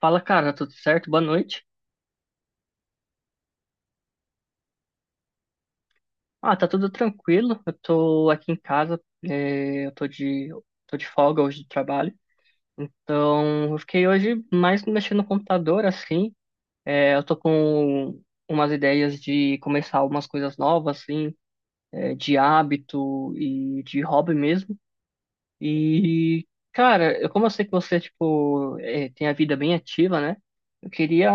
Fala, cara, tudo certo? Boa noite. Ah, tá tudo tranquilo. Eu tô aqui em casa, tô de folga hoje do trabalho. Então, eu fiquei hoje mais mexendo no computador, assim. Eu tô com umas ideias de começar algumas coisas novas, assim, de hábito e de hobby mesmo. E, cara, como eu sei que você, tipo, tem a vida bem ativa, né? Eu queria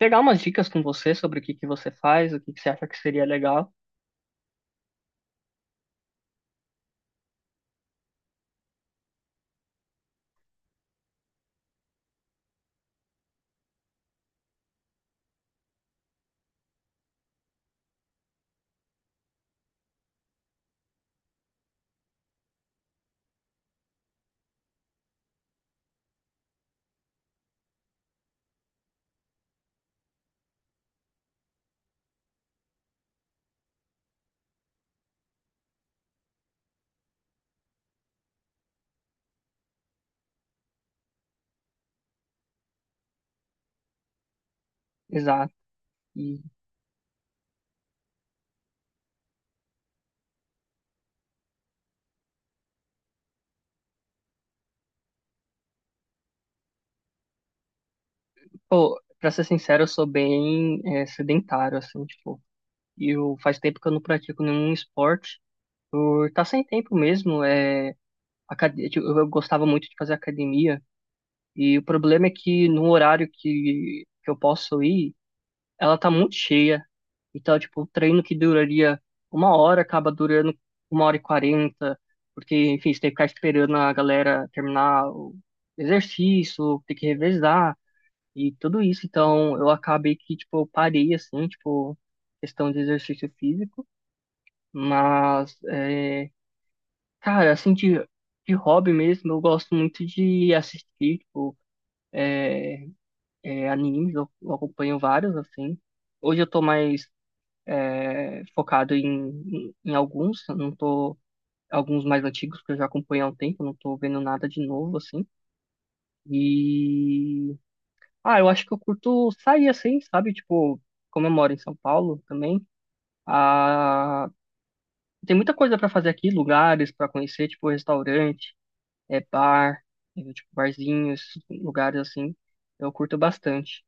pegar umas dicas com você sobre o que que você faz, o que que você acha que seria legal. Exato. E, pô, pra ser sincero, eu sou bem sedentário, assim, tipo, eu faz tempo que eu não pratico nenhum esporte, por tá sem tempo mesmo, tipo, eu gostava muito de fazer academia, e o problema é que no horário que eu posso ir, ela tá muito cheia, então, tipo, o treino que duraria 1 hora acaba durando 1 hora e 40, porque, enfim, você tem que ficar esperando a galera terminar o exercício, tem que revezar, e tudo isso. Então, eu acabei que, tipo, eu parei, assim, tipo, questão de exercício físico. Mas, é, cara, assim, de hobby mesmo, eu gosto muito de assistir, tipo, animes. Eu acompanho vários, assim. Hoje eu tô mais focado em, em alguns. Eu Não tô... Alguns mais antigos que eu já acompanho há um tempo. Eu Não tô vendo nada de novo, assim. E... Ah, eu acho que eu curto sair, assim, sabe? Tipo, como eu moro em São Paulo também. Ah, tem muita coisa para fazer aqui, lugares para conhecer, tipo restaurante, é bar, é, tipo barzinhos, lugares assim. Eu curto bastante.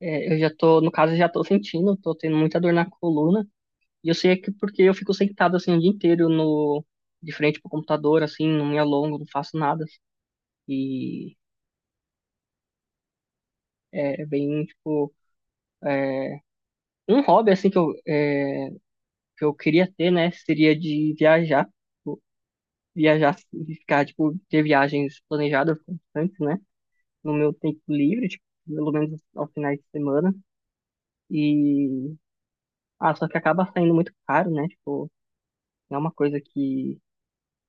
É, eu já tô, no caso, eu já tô sentindo, tô tendo muita dor na coluna. E eu sei que porque eu fico sentado assim o dia inteiro no de frente pro computador, assim, não me alongo, não faço nada. E é bem tipo é, um hobby assim que que eu queria ter, né? Seria de viajar. Viajar, e ficar, tipo, ter viagens planejadas constantes, né? No meu tempo livre, tipo, pelo menos aos finais de semana. E, ah, só que acaba saindo muito caro, né? Tipo, não é uma coisa que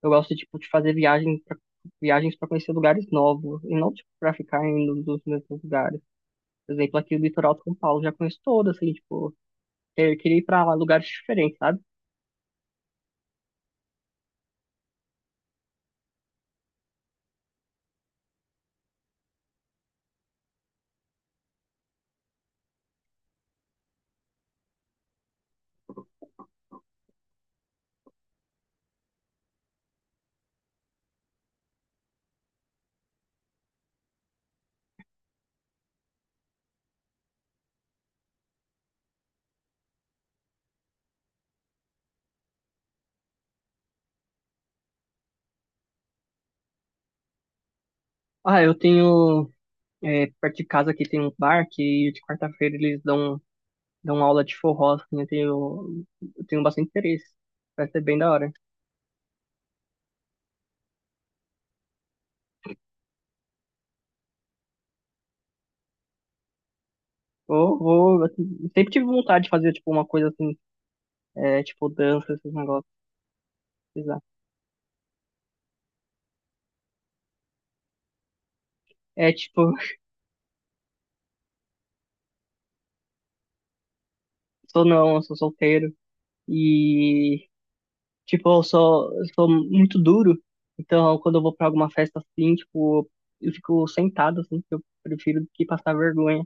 eu gosto, tipo, de viagens para conhecer lugares novos e não, tipo, pra ficar indo nos mesmos lugares. Por exemplo, aqui no litoral de São Paulo, já conheço todo, assim, tipo, eu queria ir pra lugares diferentes, sabe? Ah, perto de casa aqui tem um bar que de quarta-feira eles dão dar uma aula de forró, assim, eu tenho bastante interesse. Vai ser bem da hora. Vou, assim, sempre tive vontade de fazer, tipo, uma coisa assim, tipo, dança, esses negócios, sei lá. É, tipo, sou não, eu sou solteiro e, tipo, eu sou muito duro. Então, quando eu vou pra alguma festa assim, tipo, eu fico sentado, assim, porque eu prefiro do que passar vergonha.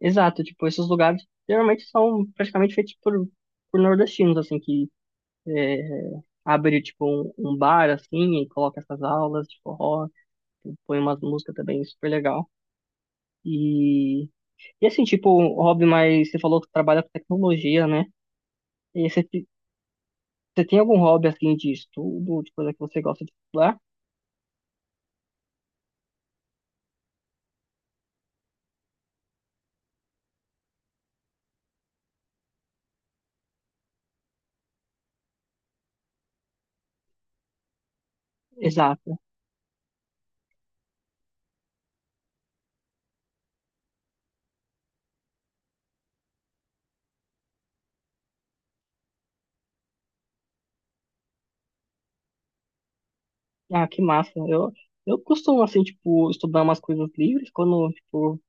Exato, tipo, esses lugares geralmente são praticamente feitos por nordestinos, assim, que é, abre um bar assim e coloca essas aulas de forró, põe umas músicas também super legal. E, e assim, tipo, um hobby mais, você falou que trabalha com tecnologia, né? E você tem algum hobby assim de estudo, de coisa que você gosta de estudar? Exato. Ah, que massa. Eu costumo assim, tipo, estudar umas coisas livres quando, tipo,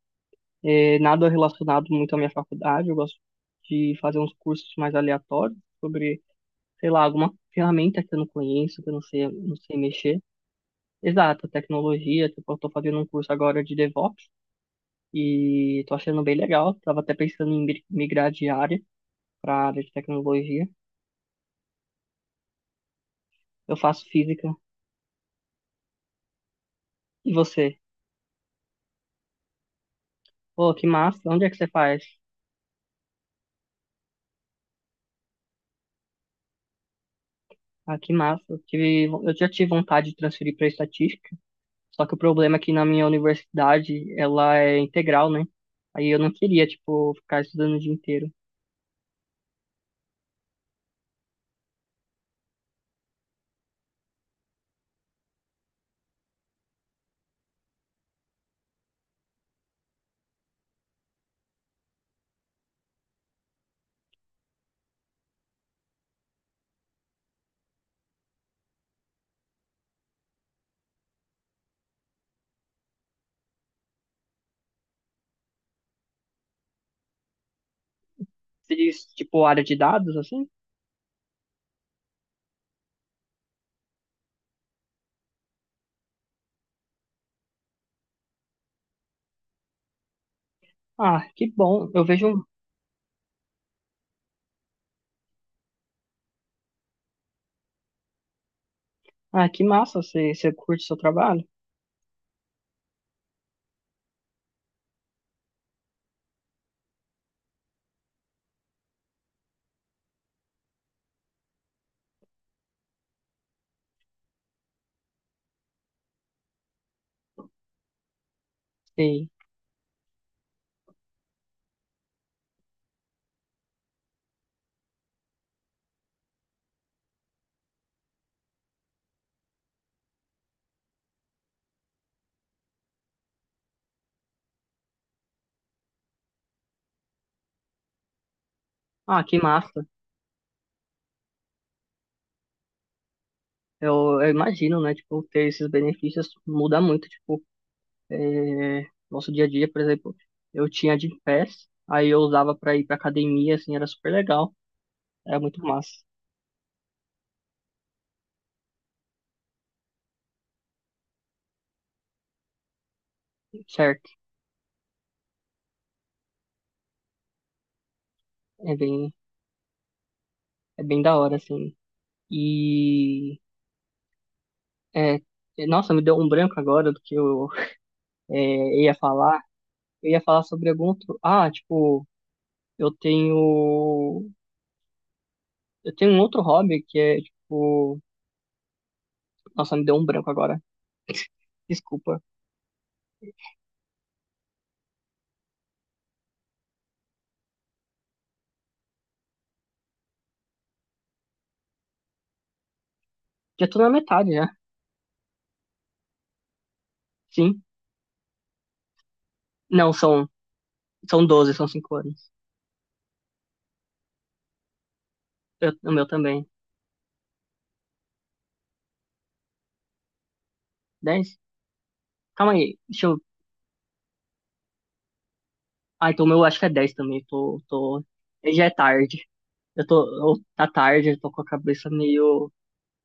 nada relacionado muito à minha faculdade. Eu gosto de fazer uns cursos mais aleatórios sobre, sei lá, alguma ferramenta que eu não conheço, que eu não sei, não sei mexer. Exato, tecnologia. Tipo, eu tô fazendo um curso agora de DevOps e tô achando bem legal. Tava até pensando em migrar de área para área de tecnologia. Eu faço física. E você? Pô, que massa. Onde é que você faz? Ah, que massa. Eu já tive vontade de transferir para estatística, só que o problema é que na minha universidade ela é integral, né? Aí eu não queria, tipo, ficar estudando o dia inteiro. Você diz, tipo, área de dados, assim? Ah, que bom. Eu vejo. Ah, que massa. Você curte o seu trabalho? Sim. Ah, que massa. Eu imagino, né? Tipo, ter esses benefícios muda muito, tipo, nosso dia a dia, por exemplo, eu tinha Gympass, aí eu usava pra ir pra academia, assim, era super legal, era muito massa, certo? É bem, é bem da hora, assim. E, é, nossa, me deu um branco agora do que ia falar. Eu ia falar sobre algum outro. Ah, tipo, eu tenho, eu tenho um outro hobby que é, tipo, nossa, me deu um branco agora. Desculpa. Já tô na metade, já. Sim. Não, são 12, são 5 anos. O meu também. 10? Calma aí, deixa eu. Ah, então o meu acho que é 10 também. Tô... Já é tarde. Eu tô. Tá tarde, eu tô com a cabeça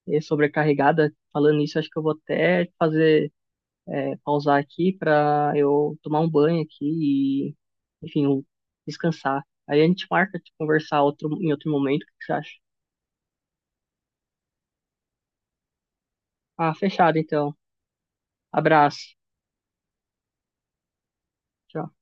meio sobrecarregada. Falando isso, acho que eu vou até fazer. Pausar aqui pra eu tomar um banho aqui e. Enfim, eu descansar. Aí a gente marca de conversar outro, em outro momento. O que que você acha? Ah, fechado então. Abraço. Tchau.